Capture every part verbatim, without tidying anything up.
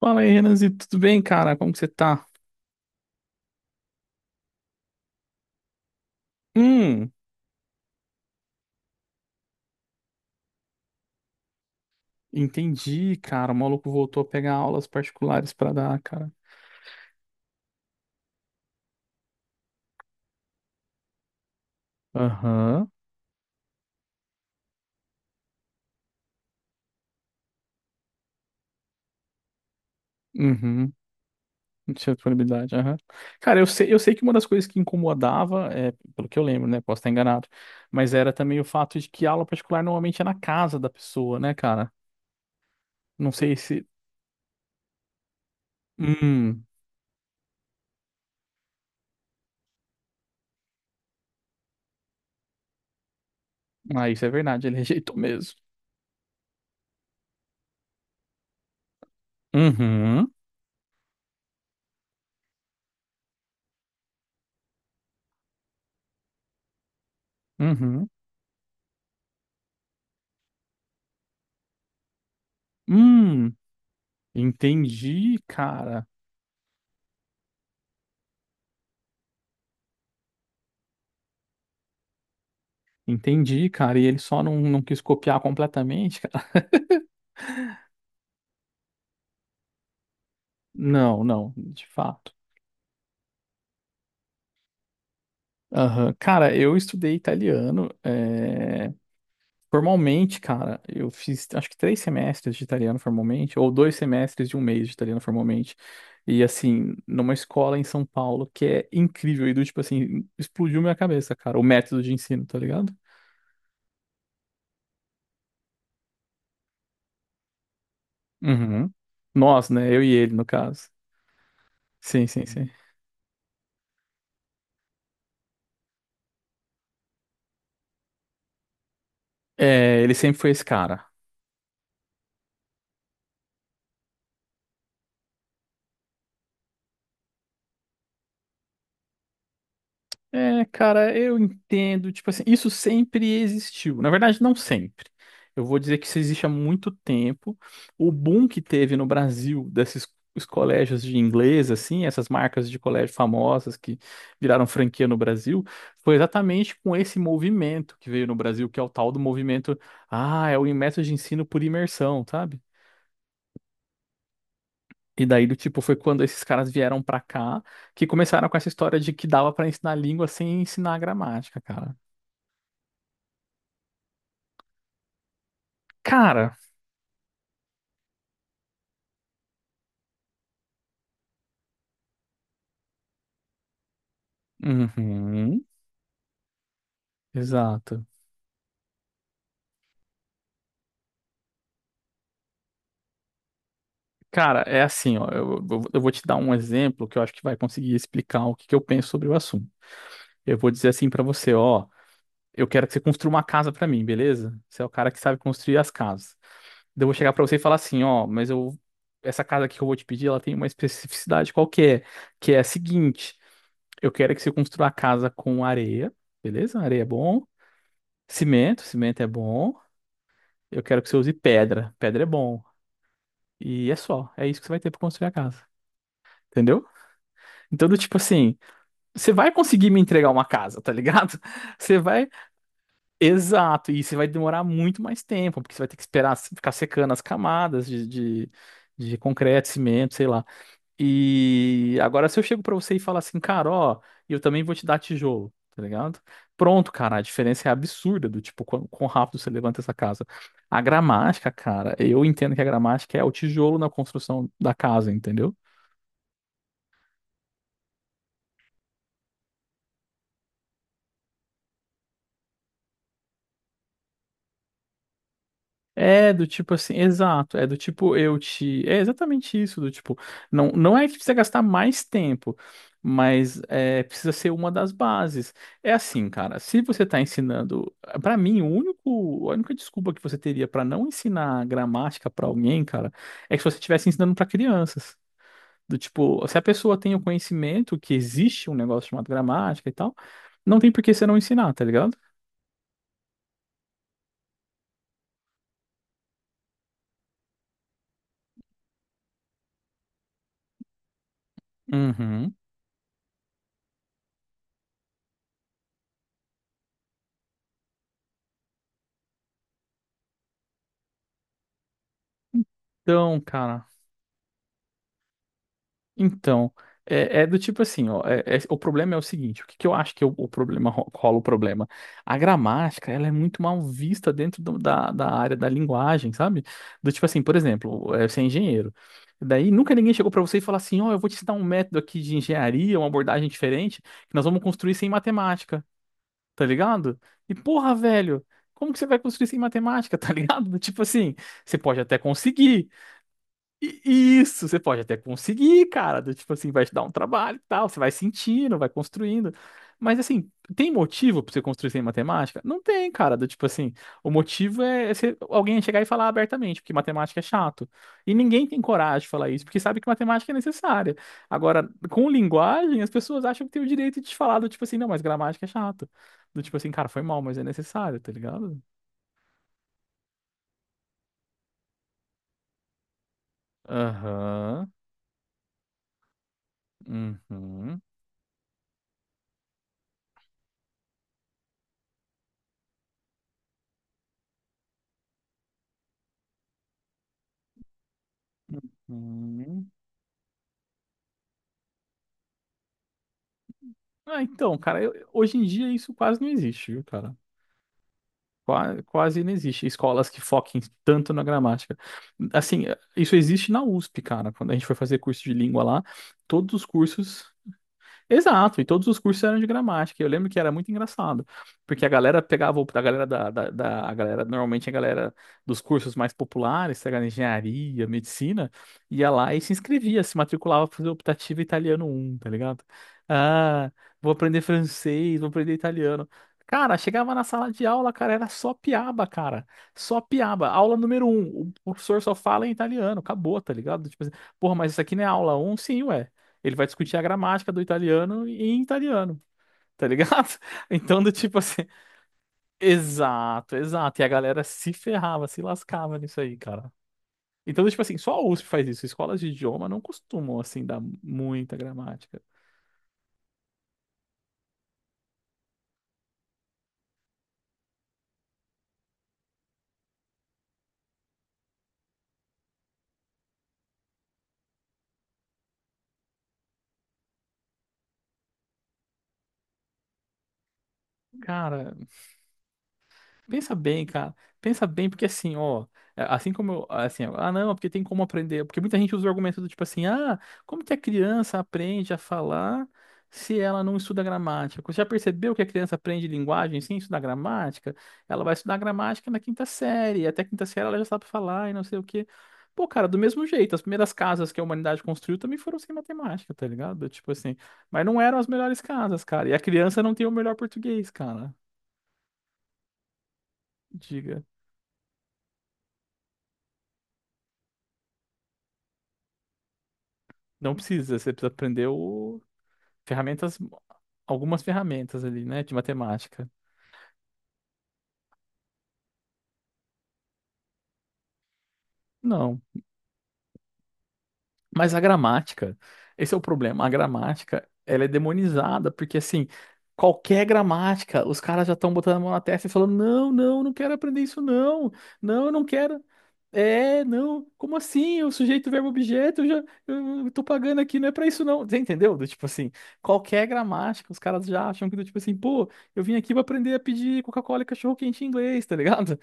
Fala aí, Renanzi, tudo bem, cara? Como que você tá? Hum, entendi, cara. O maluco voltou a pegar aulas particulares pra dar, cara. Aham. Uhum. Não tinha disponibilidade, aham. Cara, eu sei, eu sei que uma das coisas que incomodava, é, pelo que eu lembro, né? Posso estar enganado, mas era também o fato de que a aula particular normalmente é na casa da pessoa, né, cara? Não sei se. Hum, ah, isso é verdade, ele rejeitou mesmo. Uhum, uhum. Hum, entendi, cara. Entendi, cara. E ele só não, não quis copiar completamente, cara. Não, não, de fato. Aham. Cara, eu estudei italiano. é, Formalmente, cara, eu fiz acho que três semestres de italiano formalmente, ou dois semestres de um mês de italiano formalmente. E assim, numa escola em São Paulo que é incrível. E do tipo assim, explodiu minha cabeça, cara, o método de ensino, tá ligado? Uhum. Nós, né? Eu e ele, no caso. Sim, sim, sim. É, ele sempre foi esse cara. É, cara, eu entendo. Tipo assim, isso sempre existiu. Na verdade, não sempre. Eu vou dizer que isso existe há muito tempo. O boom que teve no Brasil desses os colégios de inglês, assim, essas marcas de colégio famosas que viraram franquia no Brasil, foi exatamente com esse movimento que veio no Brasil, que é o tal do movimento, ah, é o método de ensino por imersão, sabe? E daí, do tipo, foi quando esses caras vieram pra cá que começaram com essa história de que dava pra ensinar língua sem ensinar gramática, cara. Cara, uhum, exato. Cara, é assim, ó, eu, eu- eu vou te dar um exemplo que eu acho que vai conseguir explicar o que que eu penso sobre o assunto. Eu vou dizer assim pra você, ó, eu quero que você construa uma casa pra mim, beleza? Você é o cara que sabe construir as casas. Daí eu vou chegar pra você e falar assim, ó, mas eu essa casa aqui que eu vou te pedir, ela tem uma especificidade qualquer, que é a seguinte, eu quero que você construa a casa com areia, beleza? Areia é bom, cimento, cimento é bom. Eu quero que você use pedra, pedra é bom. E é só, é isso que você vai ter pra construir a casa. Entendeu? Então, do tipo assim, você vai conseguir me entregar uma casa, tá ligado? Você vai. Exato, e você vai demorar muito mais tempo, porque você vai ter que esperar se- ficar secando as camadas de, de, de concreto, cimento, sei lá. E agora, se eu chego pra você e falar assim, cara, ó, eu também vou te dar tijolo, tá ligado? Pronto, cara, a diferença é absurda do tipo, quão, quão rápido você levanta essa casa. A gramática, cara, eu entendo que a gramática é o tijolo na construção da casa, entendeu? É do tipo assim, exato, é do tipo eu te, é exatamente isso, do tipo, não, não é que precisa gastar mais tempo, mas é, precisa ser uma das bases. É assim, cara, se você tá ensinando, pra mim, o único, a única desculpa que você teria pra não ensinar gramática pra alguém, cara, é que se você estivesse ensinando pra crianças. Do tipo, se a pessoa tem o conhecimento que existe um negócio chamado gramática e tal, não tem por que você não ensinar, tá ligado? Uhum. Então, cara. Então, é, é do tipo assim, ó, é- é- o problema é o seguinte, o que, que eu acho que o, o problema ro- rola o problema? A gramática, ela é muito mal vista dentro do- da, da área da linguagem, sabe? Do tipo assim, por exemplo, é, você é engenheiro, daí nunca ninguém chegou pra você e falou assim, ó, eu vou te dar um método aqui de engenharia, uma abordagem diferente, que nós vamos construir sem matemática, tá ligado? E porra, velho, como que você vai construir sem matemática, tá ligado? Do tipo assim, você pode até conseguir, e- e isso, você pode até conseguir, cara. Do tipo assim, vai te dar um trabalho e tal. Você vai sentindo, vai construindo. Mas assim, tem motivo pra você construir sem matemática? Não tem, cara. Do tipo assim, o motivo é é você- alguém chegar e falar abertamente, porque matemática é chato. E ninguém tem coragem de falar isso, porque sabe que matemática é necessária. Agora, com linguagem, as pessoas acham que tem o direito de te falar do tipo assim, não, mas gramática é chato. Do tipo assim, cara, foi mal, mas é necessário, tá ligado? Aham. Uhum. Uhum. Ah, então, cara, eu- hoje em dia isso quase não existe, viu, cara? Qua- Quase, não existe escolas que foquem tanto na gramática. Assim, isso existe na U S P, cara. Quando a gente foi fazer curso de língua lá, todos os cursos exato, e todos os cursos eram de gramática. Eu lembro que era muito engraçado, porque a galera pegava, o- a galera da, da, da- a galera, normalmente a galera dos cursos mais populares, sei lá, engenharia, medicina, ia lá e se inscrevia, se matriculava para fazer optativa italiano um, tá ligado? Ah, vou aprender francês, vou aprender italiano. Cara, chegava na sala de aula, cara, era só piaba, cara. Só piaba. Aula número um, o professor só fala em italiano, acabou, tá ligado? Tipo assim, porra, mas isso aqui não é aula um, sim, ué, ele vai discutir a gramática do italiano em italiano, tá ligado? Então, do tipo assim, exato, exato. E a galera se ferrava, se lascava nisso aí, cara. Então, do tipo assim, só a U S P faz isso. Escolas de idioma não costumam, assim, dar muita gramática. Cara, pensa bem, cara. Pensa bem, porque assim, ó, é, assim como eu, assim, ó, ah, não, porque tem como aprender, porque muita gente usa o argumento do tipo assim, ah, como que a criança aprende a falar se ela não estuda gramática? Você já percebeu que a criança aprende linguagem sem estudar gramática? Ela vai estudar gramática na quinta série, e até a quinta série ela já sabe falar e não sei o quê. Pô, cara, do mesmo jeito, as primeiras casas que a humanidade construiu também foram sem matemática, tá ligado? Tipo assim, mas não eram as melhores casas, cara. E a criança não tem o melhor português, cara. Diga. Não precisa, você precisa aprender o... ferramentas, algumas ferramentas ali, né, de matemática. Não, mas a gramática, esse é o problema. A gramática, ela é demonizada, porque assim, qualquer gramática, os caras já estão botando a mão na testa e falando: não, não, não quero aprender isso, não. Não, eu não quero. É, não, como assim? O sujeito, verbo, objeto, eu já eu tô pagando aqui, não é pra isso, não. Você entendeu? Do tipo assim, qualquer gramática, os caras já acham que do tipo assim, pô, eu vim aqui pra aprender a pedir Coca-Cola e cachorro-quente em inglês, tá ligado?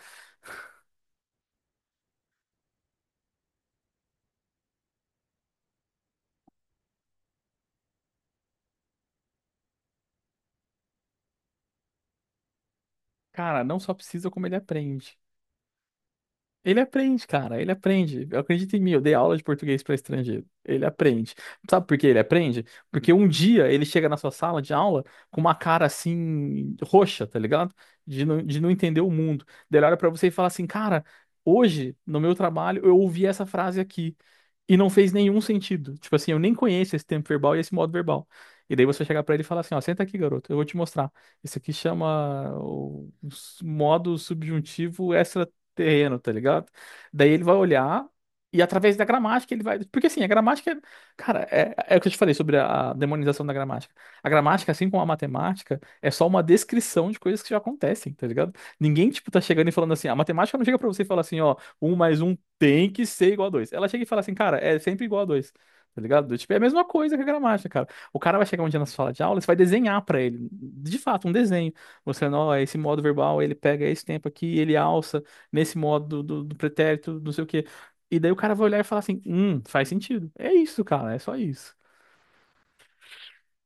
Cara, não só precisa como ele aprende. Ele aprende, cara, ele aprende. Acredita em mim, eu dei aula de português para estrangeiro. Ele aprende. Sabe por que ele aprende? Porque um dia ele chega na sua sala de aula com uma cara assim, roxa, tá ligado? De não, de não entender o mundo. Daí ele olha pra você e fala assim, cara, hoje, no meu trabalho, eu ouvi essa frase aqui e não fez nenhum sentido. Tipo assim, eu nem conheço esse tempo verbal e esse modo verbal. E daí você chegar pra ele e falar assim, ó, senta aqui, garoto, eu vou te mostrar. Isso aqui chama o modo subjuntivo terreno, tá ligado? Daí ele vai olhar e através da gramática ele vai. Porque assim, a gramática, é- cara, é, é o que eu te falei sobre a demonização da gramática. A gramática, assim como a matemática, é só uma descrição de coisas que já acontecem, tá ligado? Ninguém, tipo, tá chegando e falando assim, a matemática não chega pra você e fala assim, ó, um mais um tem que ser igual a dois. Ela chega e fala assim, cara, é sempre igual a dois. Tá ligado? Tipo, é a mesma coisa que a gramática, cara. O cara vai chegar um dia na sala de aula, você vai desenhar pra ele, de fato, um desenho, mostrando, ó, esse modo verbal, ele pega esse tempo aqui, ele alça nesse modo do, do pretérito, não sei o quê. E daí o cara vai olhar e falar assim: hum, faz sentido. É isso, cara, é só isso.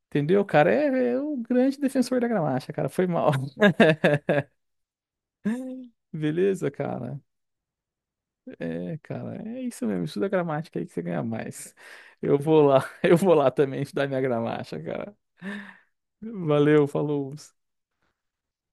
Entendeu? O cara é, é o grande defensor da gramática, cara. Foi mal. Beleza, cara? É, cara, é isso mesmo. Estuda gramática aí que você ganha mais. Eu vou lá, eu vou lá também estudar minha gramática, cara. Valeu, falou.